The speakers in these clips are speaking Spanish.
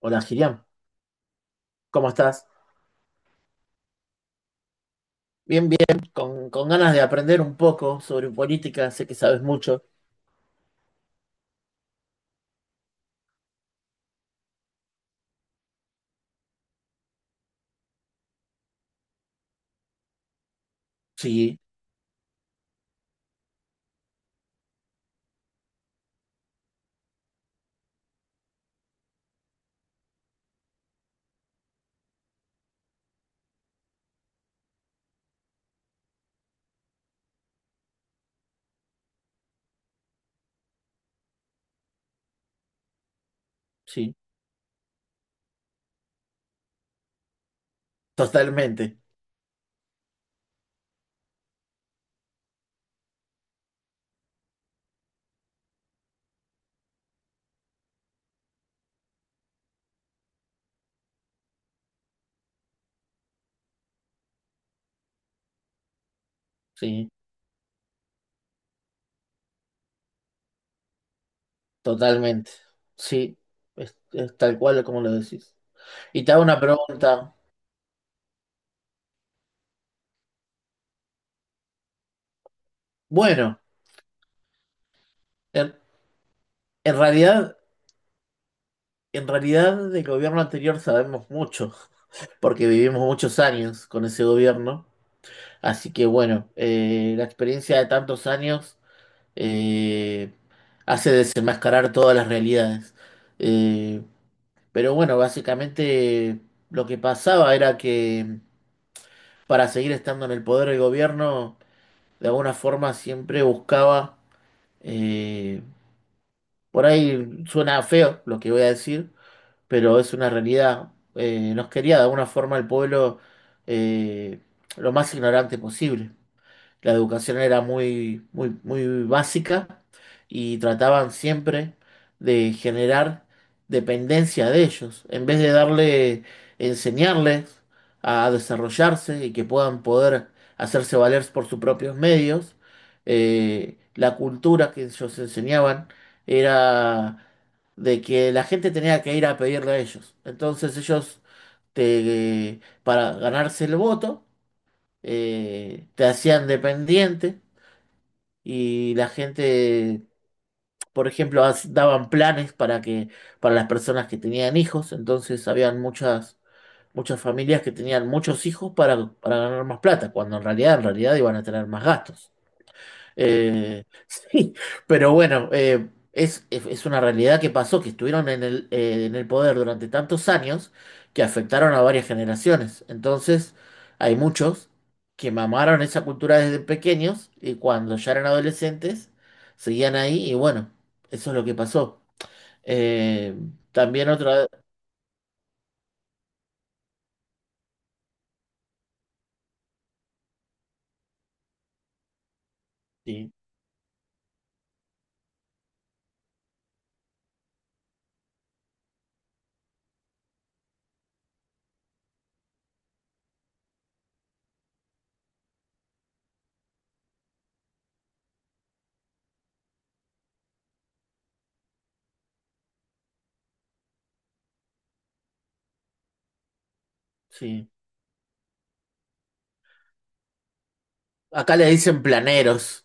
Hola, Giriam, ¿cómo estás? Bien, bien, con ganas de aprender un poco sobre política, sé que sabes mucho. Sí, sí, totalmente, sí, totalmente, sí, es tal cual como lo decís. Y te hago una pregunta. Bueno, en, en realidad, del gobierno anterior sabemos mucho, porque vivimos muchos años con ese gobierno, así que bueno, la experiencia de tantos años eh, hace desenmascarar todas las realidades. Eh, pero bueno, básicamente lo que pasaba era que para seguir estando en el poder el gobierno, de alguna forma siempre buscaba, eh, por ahí suena feo lo que voy a decir, pero es una realidad, nos quería de alguna forma el pueblo, eh, lo más ignorante posible. La educación era muy, muy, muy básica y trataban siempre de generar dependencia de ellos, en vez de darle, enseñarles a desarrollarse y que puedan poder hacerse valer por sus propios medios. La cultura que ellos enseñaban era de que la gente tenía que ir a pedirle a ellos. Entonces ellos, para ganarse el voto, te hacían dependiente y la gente, por ejemplo, daban planes para que, para las personas que tenían hijos, entonces habían muchas muchas familias que tenían muchos hijos para ganar más plata, cuando en realidad iban a tener más gastos. Sí, pero bueno, es una realidad que pasó, que estuvieron en el poder durante tantos años que afectaron a varias generaciones. Entonces, hay muchos que mamaron esa cultura desde pequeños y cuando ya eran adolescentes seguían ahí y bueno, eso es lo que pasó. Eh, también otra... Sí, sí. Acá le dicen planeros,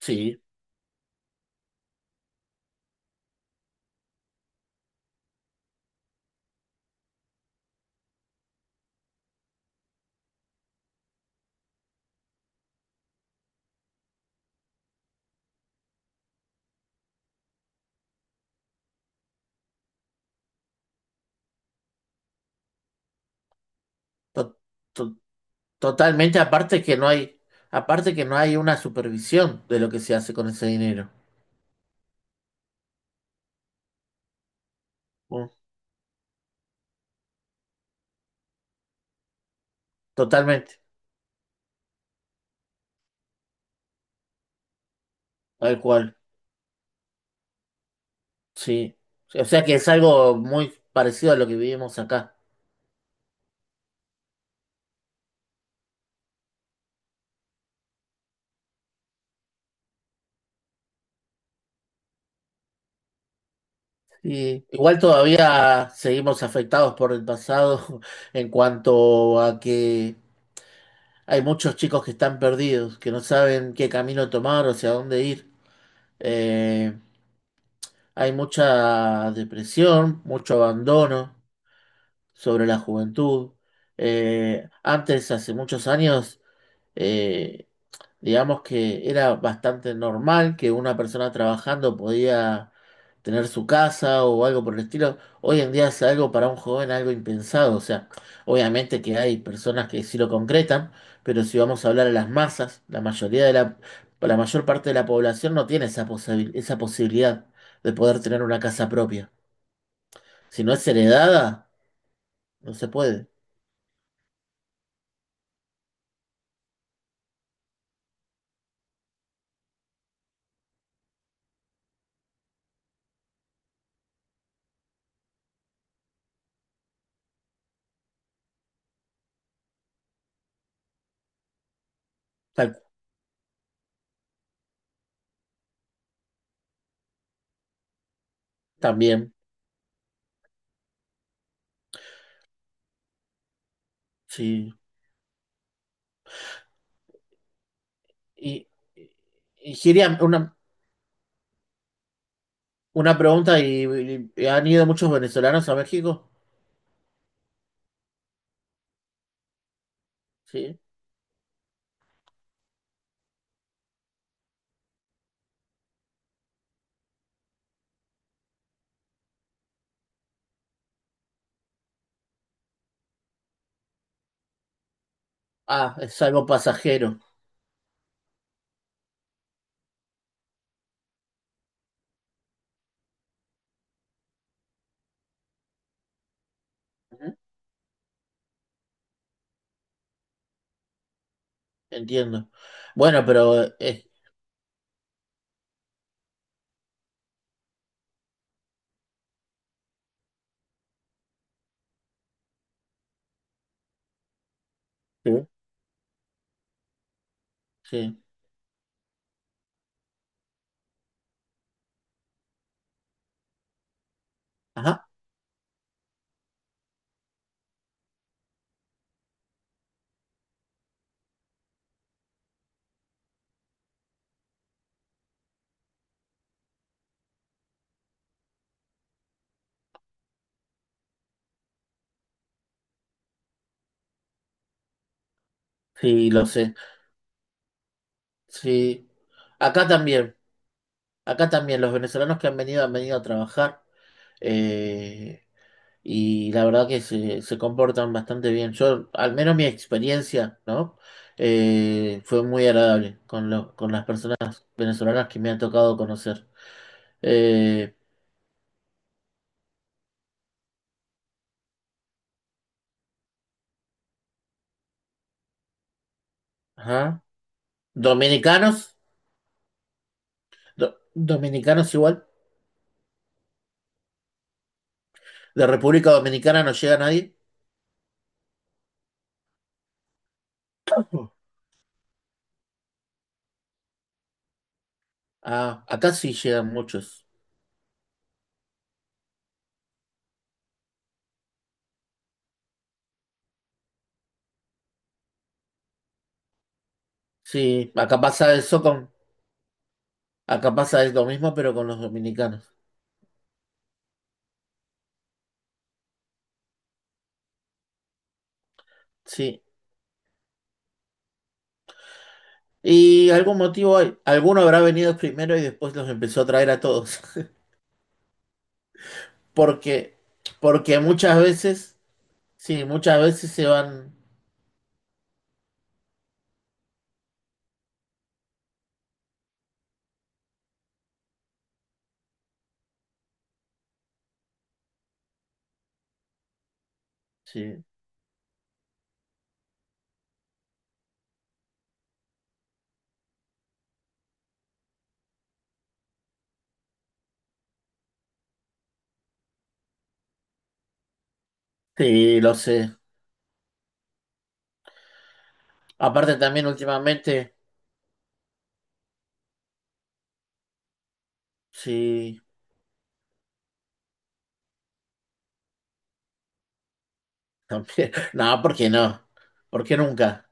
sí. To- to- Totalmente, aparte que no hay, aparte que no hay una supervisión de lo que se hace con ese dinero. Mm. Totalmente, tal cual, sí. O sea que es algo muy parecido a lo que vivimos acá. Y igual todavía seguimos afectados por el pasado en cuanto a que hay muchos chicos que están perdidos, que no saben qué camino tomar o hacia dónde ir. Eh, hay mucha depresión, mucho abandono sobre la juventud. Antes, hace muchos años, eh, digamos que era bastante normal que una persona trabajando podía tener su casa o algo por el estilo. Hoy en día es algo para un joven algo impensado. O sea, obviamente que hay personas que sí lo concretan, pero si vamos a hablar a las masas, la mayor parte de la población no tiene esa esa posibilidad de poder tener una casa propia. Si no es heredada, no se puede. Tal También, sí. Y, y, y Giria, una pregunta, ¿han ido muchos venezolanos a México? Sí. Ah, es algo pasajero. Ujú. Entiendo. Bueno, pero... sí, sí. Ajá, sí, lo sé. Sí. Acá también, acá también, los venezolanos que han venido a trabajar. Eh, Y la verdad que se comportan bastante bien. Yo, al menos mi experiencia, ¿no? Fue muy agradable con las personas venezolanas que me han tocado conocer. Eh, ajá. Dominicanos, dominicanos igual. De República Dominicana no llega nadie. Ah, acá sí llegan muchos. Sí, acá pasa lo mismo, pero con los dominicanos. Sí. Y algún motivo hay. Alguno habrá venido primero y después los empezó a traer a todos. Porque, porque muchas veces, sí, muchas veces se van, sí, sí, lo sé. Aparte también últimamente, sí, también, no, ¿por qué no? ¿Por qué nunca?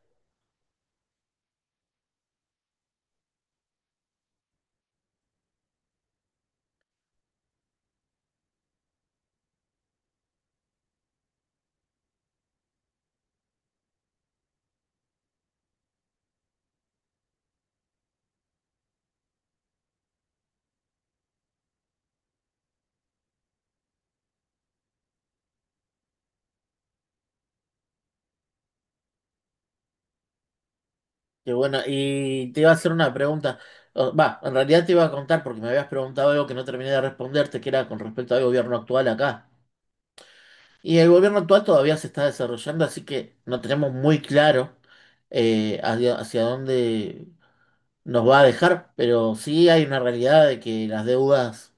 Qué bueno, y te iba a hacer una pregunta. O- va, en realidad te iba a contar porque me habías preguntado algo que no terminé de responderte, que era con respecto al gobierno actual acá. Y el gobierno actual todavía se está desarrollando, así que no tenemos muy claro hacia dónde nos va a dejar, pero sí hay una realidad de que las deudas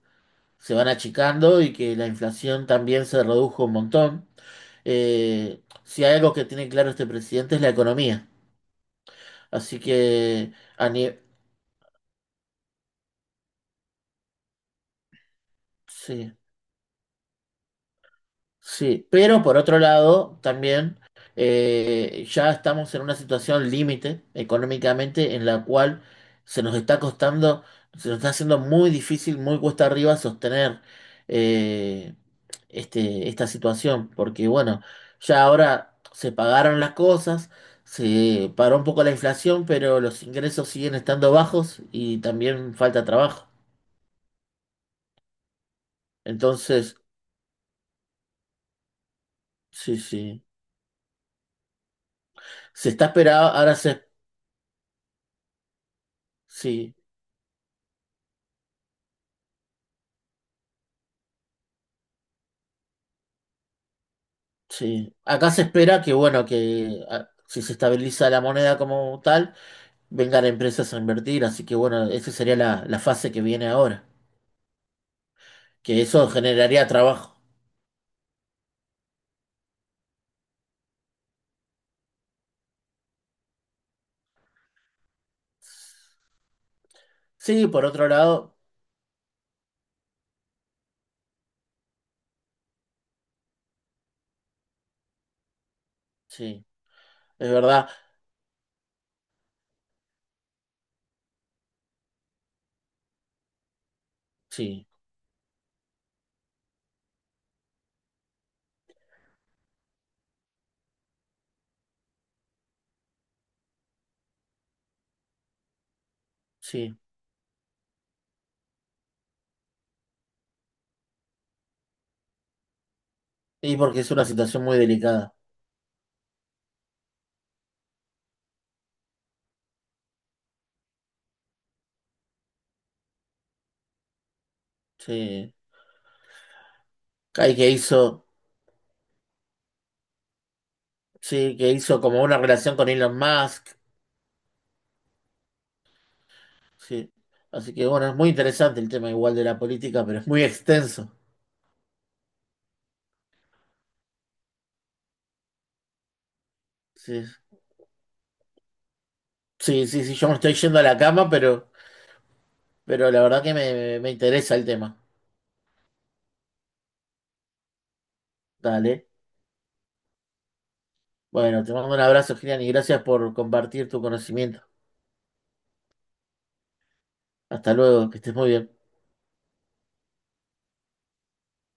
se van achicando y que la inflación también se redujo un montón. Si hay algo que tiene claro este presidente es la economía. Así que a, ni- sí. Sí, pero por otro lado, también ya estamos en una situación límite económicamente en la cual se nos está costando, se nos está haciendo muy difícil, muy cuesta arriba sostener eh, esta situación, porque bueno, ya ahora se pagaron las cosas, se paró un poco la inflación, pero los ingresos siguen estando bajos y también falta trabajo. Entonces, sí, sí, se está esperado, ahora se... sí. Sí, acá se espera que, bueno, que si se estabiliza la moneda como tal, vengan empresas a invertir, así que, bueno, esa sería la fase que viene ahora, que eso generaría trabajo. Sí, por otro lado, sí, es verdad, sí, sí, y porque es una situación muy delicada, sí. Hay que hizo, sí, que hizo como una relación con Elon Musk, sí. Así que, bueno, es muy interesante el tema igual de la política, pero es muy extenso, sí. Sí, sí, sí, yo me estoy yendo a la cama, pero... pero la verdad que me interesa el tema. Dale. Bueno, te mando un abrazo, Gilian, y gracias por compartir tu conocimiento. Hasta luego, que estés muy bien.